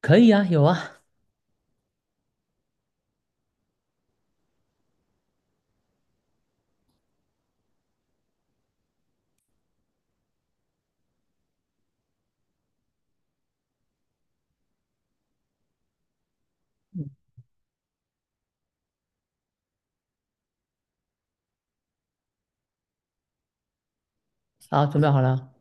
可以啊，有啊，好，准备好了。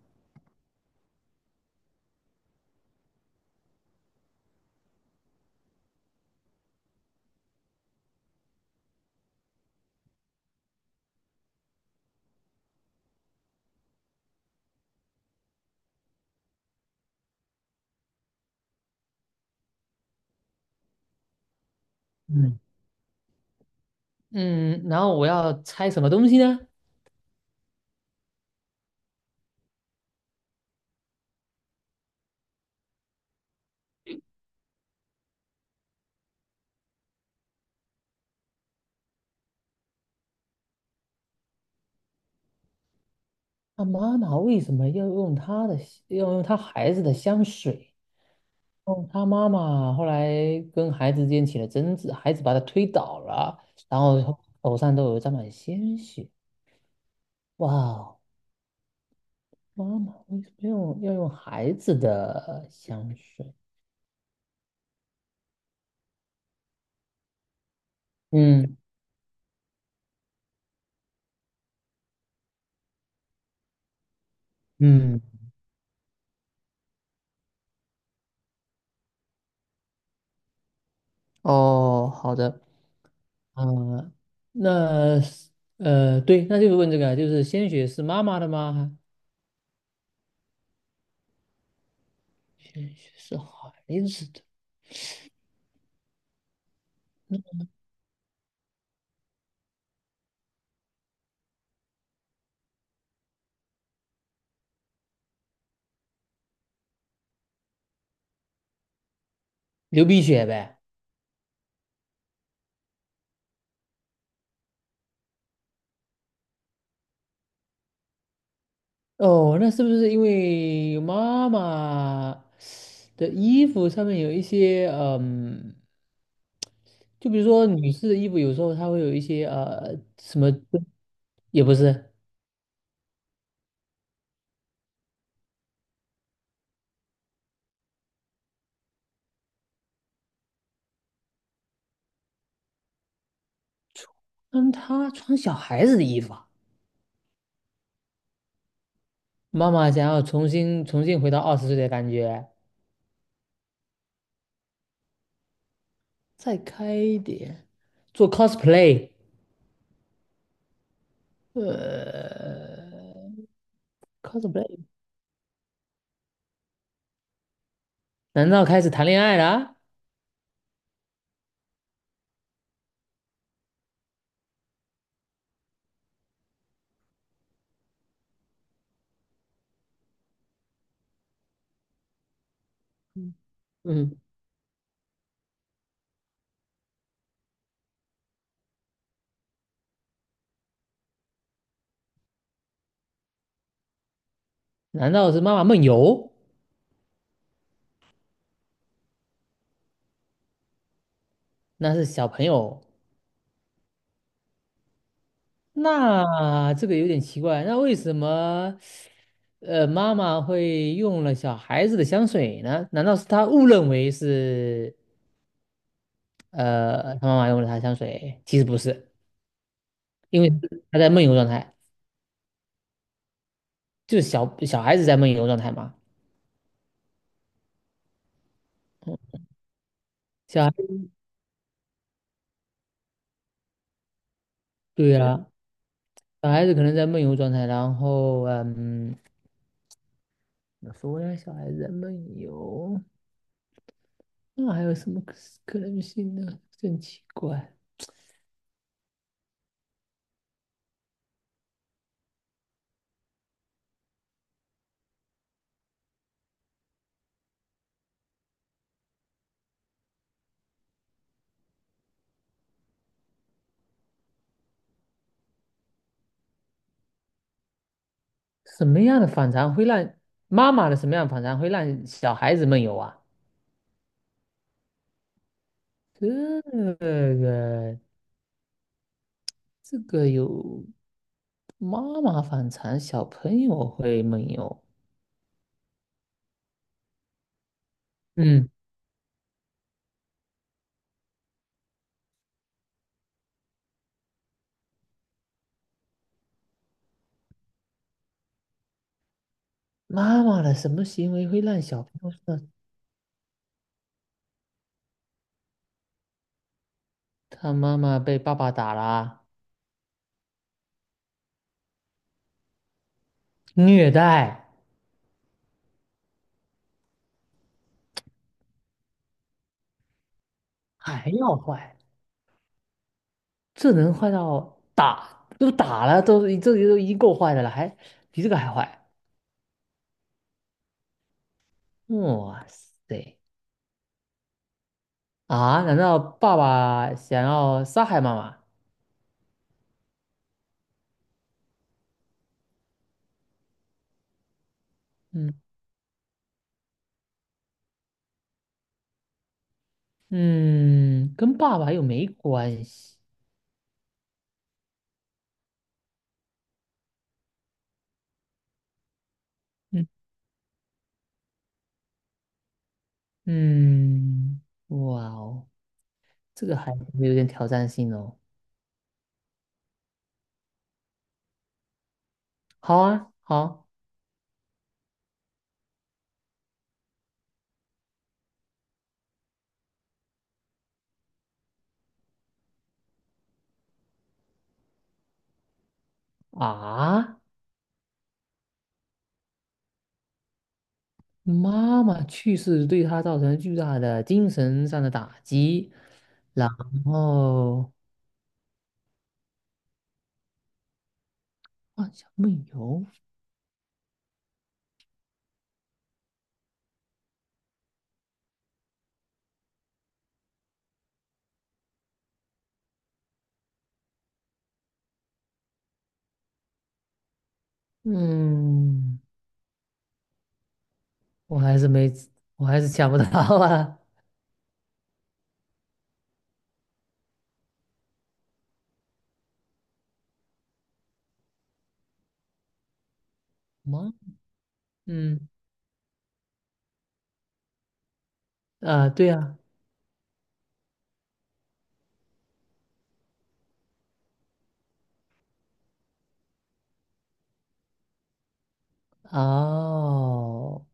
嗯嗯，然后我要猜什么东西呢？他妈妈为什么要用他孩子的香水？哦，他妈妈后来跟孩子之间起了争执，孩子把他推倒了，然后手上都有沾满鲜血。哇哦，妈妈为什么要用孩子的香水？嗯嗯，哦，好的。啊，那是对，那就是问这个啊，就是鲜血是妈妈的吗？鲜血是孩子的，流鼻血呗。哦，那是不是因为妈妈的衣服上面有一些就比如说女士的衣服，有时候它会有一些什么，也不是，嗯，她穿小孩子的衣服啊，妈妈想要重新回到20岁的感觉。再开一点，做 cosplay，呃，cosplay，难道开始谈恋爱了？嗯，嗯难道是妈妈梦游？那是小朋友，那这个有点奇怪，那为什么，妈妈会用了小孩子的香水呢？难道是她误认为是，她妈妈用了她的香水？其实不是，因为她在梦游状态，就是小孩子在梦游状态嘛。小孩，对呀、小孩子可能在梦游状态，然后怎么说呢？小孩子在梦游，那还有什么可能性呢？真奇怪，什么样的反常会让什么样的反常会让小孩子梦游啊？这个这个有妈妈反常，小朋友会梦游。嗯，妈妈的什么行为会让小朋友说他妈妈被爸爸打了、虐待还要坏？这能坏到打都打了，都这都已经够坏的了，还比这个还坏。哇塞啊！难道爸爸想要杀害妈妈？嗯嗯，跟爸爸又没关系。嗯嗯，哇哦，这个还有点挑战性哦。好啊，好啊，妈妈去世对他造成巨大的精神上的打击，然后。啊，小梦游，嗯，我还是没，我还是想不到啊。什么？嗯，啊，对呀、哦，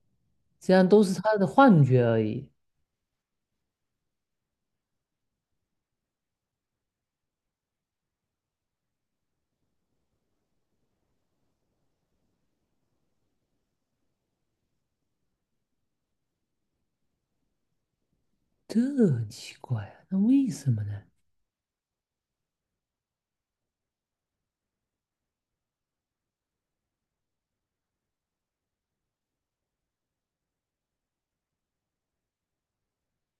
这样都是他的幻觉而已，这很奇怪啊，那为什么呢？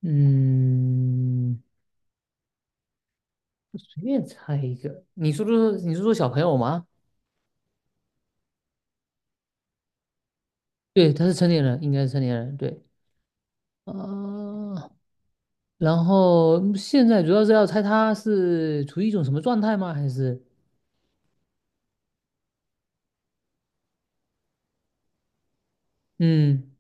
嗯，我随便猜一个，你说说小朋友吗？对，他是成年人，应该是成年人，对。啊、然后现在主要是要猜他是处于一种什么状态吗？还是嗯。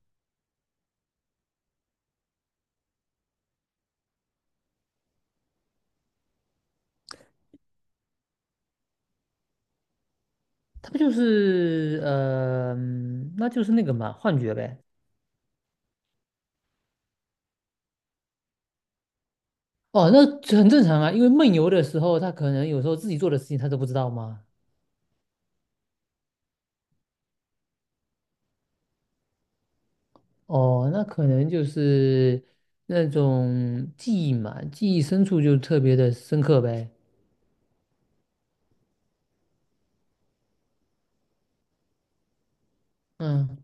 他不就是那就是那个嘛，幻觉呗。哦，那这很正常啊，因为梦游的时候，他可能有时候自己做的事情他都不知道嘛。哦，那可能就是那种记忆嘛，记忆深处就特别的深刻呗。嗯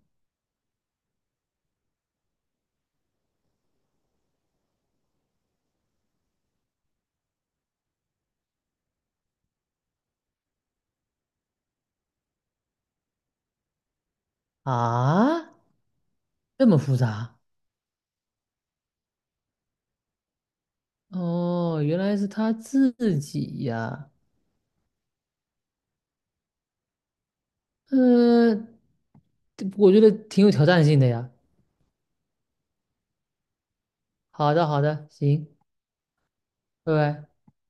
啊，这么复杂？哦，原来是他自己呀。呃，这我觉得挺有挑战性的呀。好的，好的，行，拜拜。